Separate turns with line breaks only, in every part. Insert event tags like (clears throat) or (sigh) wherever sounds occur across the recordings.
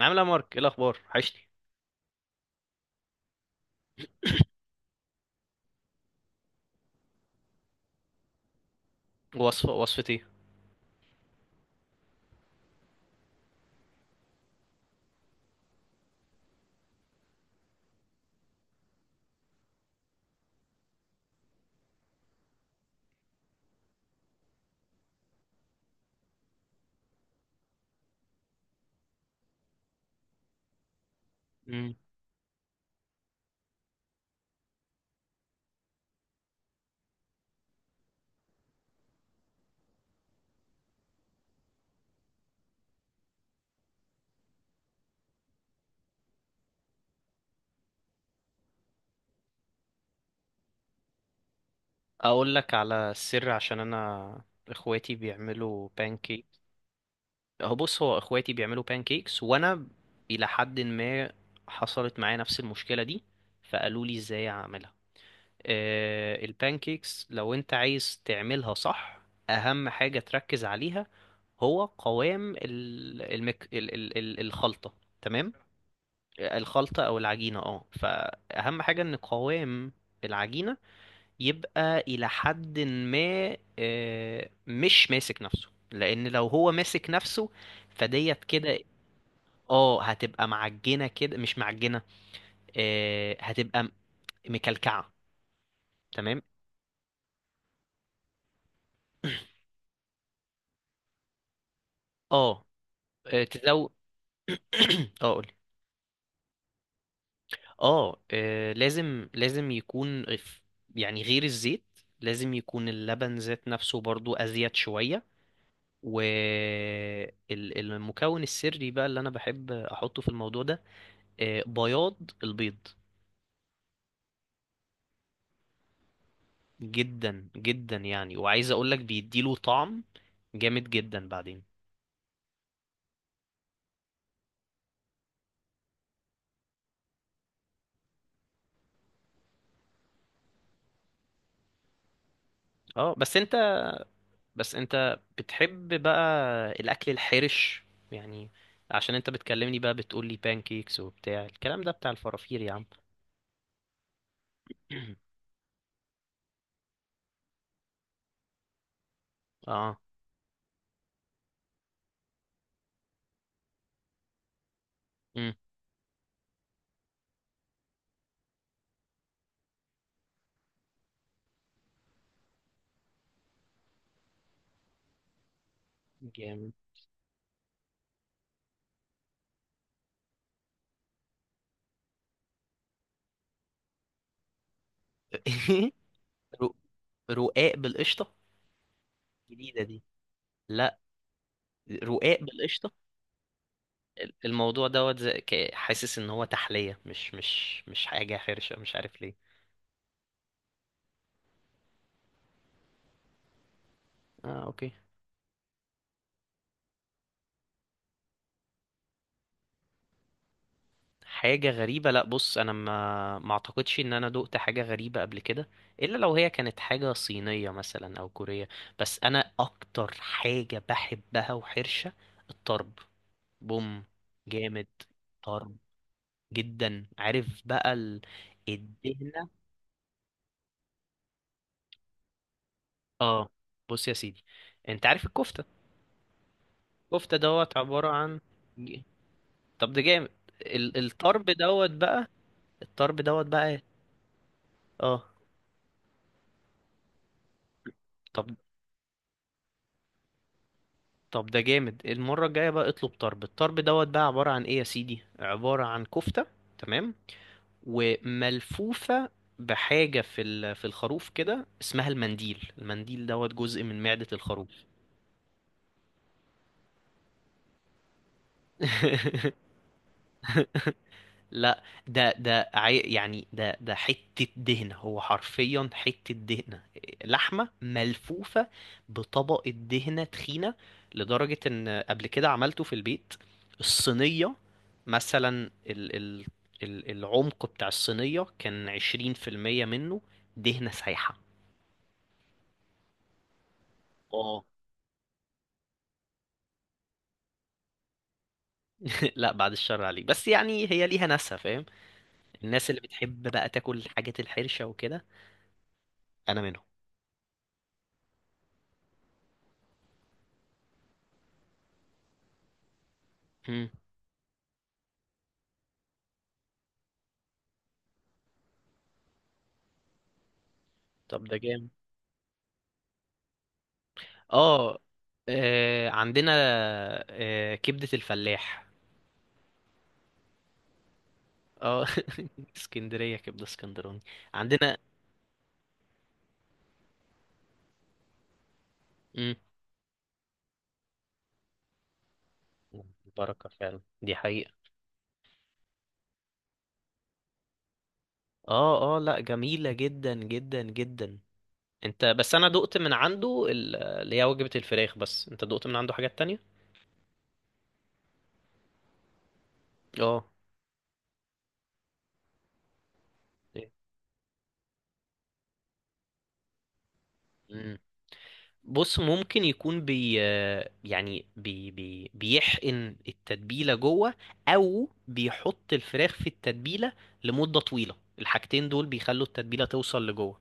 عامل ايه يا مارك؟ ايه الاخبار؟ وحشني. وصفتي؟ مم. اقول لك على السر، عشان انا اخواتي بيعملوا بانكيك. هو بص، هو اخواتي بيعملوا بانكيكس، وانا الى حد ما حصلت معايا نفس المشكله دي، فقالوا لي ازاي اعملها. البانكيكس لو انت عايز تعملها صح، اهم حاجه تركز عليها هو قوام ال- المك... ال... ال... ال- الخلطه. تمام. الخلطة أو العجينة، فأهم حاجة إن قوام العجينة يبقى إلى حد ما مش ماسك نفسه، لأن لو هو ماسك نفسه فديت كده. اه، هتبقى معجنة كده، مش معجنة. هتبقى مكلكعة. تمام. (clears throat) اه آه، لو (clears throat) اه قولي. لازم يكون يعني غير الزيت. لازم يكون اللبن ذات نفسه برضو أزيد شوية. والمكون السري بقى اللي انا بحب احطه في الموضوع ده، بياض البيض. جدا جدا يعني، وعايز اقول لك بيديله طعم جامد جدا بعدين. اه، بس انت بتحب بقى الاكل الحرش، يعني عشان انت بتكلمني بقى بتقول لي بانكيكس وبتاع الكلام ده بتاع الفرافير يا عم. (clears throat) اه. امم جامد. (laughs) رو- رقاق بالقشطه جديده دي؟ لا. رقاق بالقشطه. الموضوع دوت، حاسس ان هو تحلية، مش حاجة حرشة، مش عارف ليه. اه، اوكي. حاجة غريبة؟ لا، بص، انا ما اعتقدش ان انا دقت حاجة غريبة قبل كده، الا لو هي كانت حاجة صينية مثلا او كورية. بس انا اكتر حاجة بحبها وحرشة، الطرب. بوم. جامد. طرب. جدا. عارف بقى الدهنة. اه، بص يا سيدي، انت عارف الكفتة؟ الكفتة دوت عبارة عن… طب ده جامد. ال- الطرب دوت بقى الطرب دوت بقى ايه؟ اه، طب طب ده جامد. المرة الجاية بقى اطلب طرب. الطرب دوت بقى عبارة عن ايه يا سيدي؟ عبارة عن كفتة، تمام، وملفوفة بحاجة في في الخروف كده، اسمها المنديل. المنديل دوت جزء من معدة الخروف. (laughs) لا، ده يعني ده حتة دهنة. هو حرفيا حتة دهنة، لحمة ملفوفة بطبقة دهنة تخينة. لدرجة ان قبل كده عملته في البيت، الصينية مثلا، العمق بتاع الصينية كان 20% منه دهنة سايحة. اه. (laughs) لا، بعد الشر عليك. بس يعني هي ليها ناسها، فاهم، الناس اللي بتحب بقى تاكل الحاجات الحرشة وكده. انا منهم. مم. طب ده جامد. اه، عندنا كبدة الفلاح. اه. (laughs) اسكندرية، كبدة اسكندراني عندنا. مم. بركة، فعلا دي حقيقة. اه، اه، لا، جميلة جدا جدا جدا. انت بس، انا دقت من عنده اللي هي وجبة الفراخ، بس انت دقت من عنده حاجات تانية؟ اه، بص، ممكن يكون يعني بي بي بيحقن التتبيلة جوه، أو بيحط الفراخ في التتبيلة لمدة طويلة. الحاجتين دول بيخلوا التتبيلة توصل لجوه.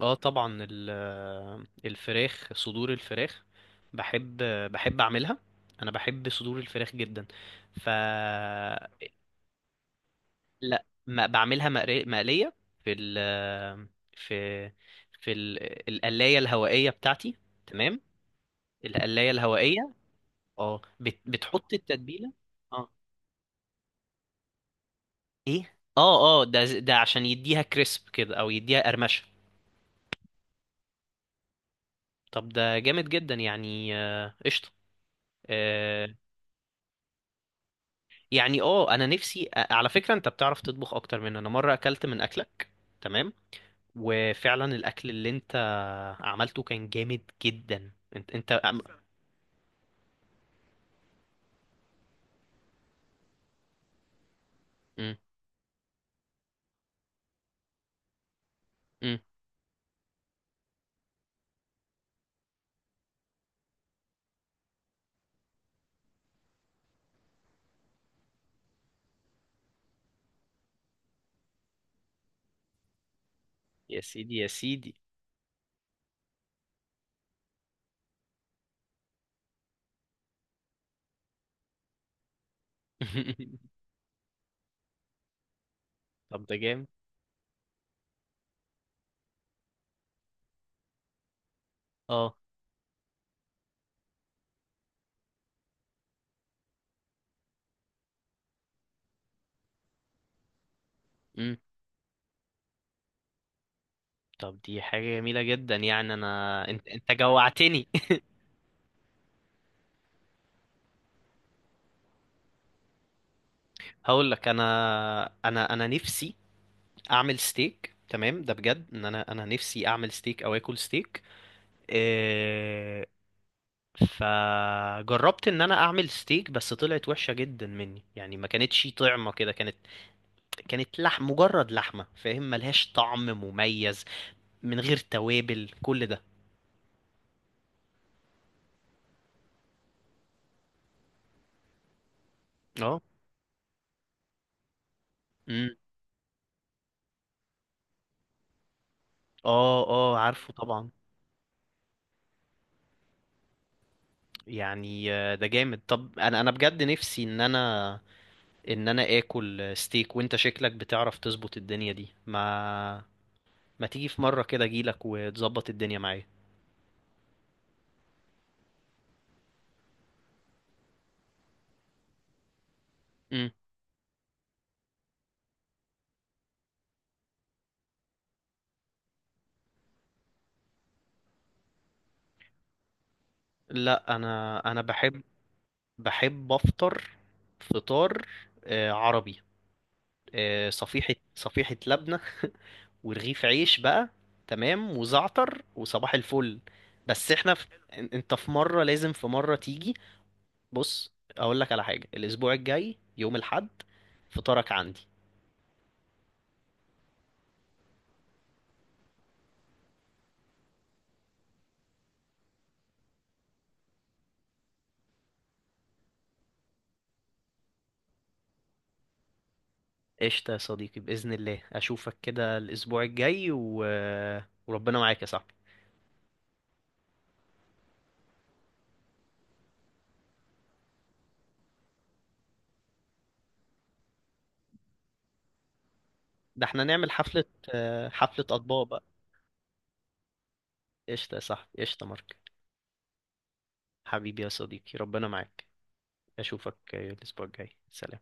اه طبعا، ال- الفراخ صدور الفراخ، بحب بحب أعملها. أنا بحب صدور الفراخ جدا. ف لا، ما بعملها مقلية في ال في في ال- القلاية الهوائية بتاعتي. تمام، القلاية الهوائية. اه، بتحط التتبيله. اه، ايه؟ اه اه، ده عشان يديها كريسب كده، او يديها قرمشه. طب ده جامد جدا يعني. قشطه. آه، يعني انا نفسي على فكره، انت بتعرف تطبخ اكتر مني. انا مره اكلت من اكلك، تمام، وفعلا الاكل اللي انت عملته كان جامد جدا. انت امم امم يا سيدي، يا سيدي. (laughs) طب ده جامد. اه. امم طب دي حاجه جميله جدا يعني. انا انت جوعتني. هقول لك، انا انا نفسي اعمل ستيك، تمام. ده بجد ان انا، نفسي اعمل ستيك او اكل ستيك. إيه فجربت ان انا اعمل ستيك، بس طلعت وحشة جدا مني، يعني ما كانتش طعمة كده، كانت لحم، مجرد لحمة، فاهم، ملهاش طعم مميز من غير توابل كل ده. اه. امم اه اه، عارفه طبعا. يعني ده جامد. طب انا بجد نفسي ان انا ان انا اكل ستيك. وانت شكلك بتعرف تظبط الدنيا دي، ما تيجي في مرة كده اجيلك وتظبط الدنيا معايا. مم. لا، انا بحب افطر فطار عربي، صفيحة لبنة (laughs) ورغيف عيش بقى، تمام، وزعتر، وصباح الفل. بس احنا انت في مرة، لازم في مرة تيجي. بص اقول لك على حاجة، الاسبوع الجاي يوم الاحد فطارك عندي. قشطة يا صديقي، بإذن الله أشوفك كده الأسبوع الجاي وربنا معاك يا صاحبي. ده احنا نعمل حفلة، حفلة أطباء بقى. قشطة يا صاحبي، قشطة مارك، حبيبي يا صديقي، ربنا معاك. أشوفك الأسبوع الجاي. سلام.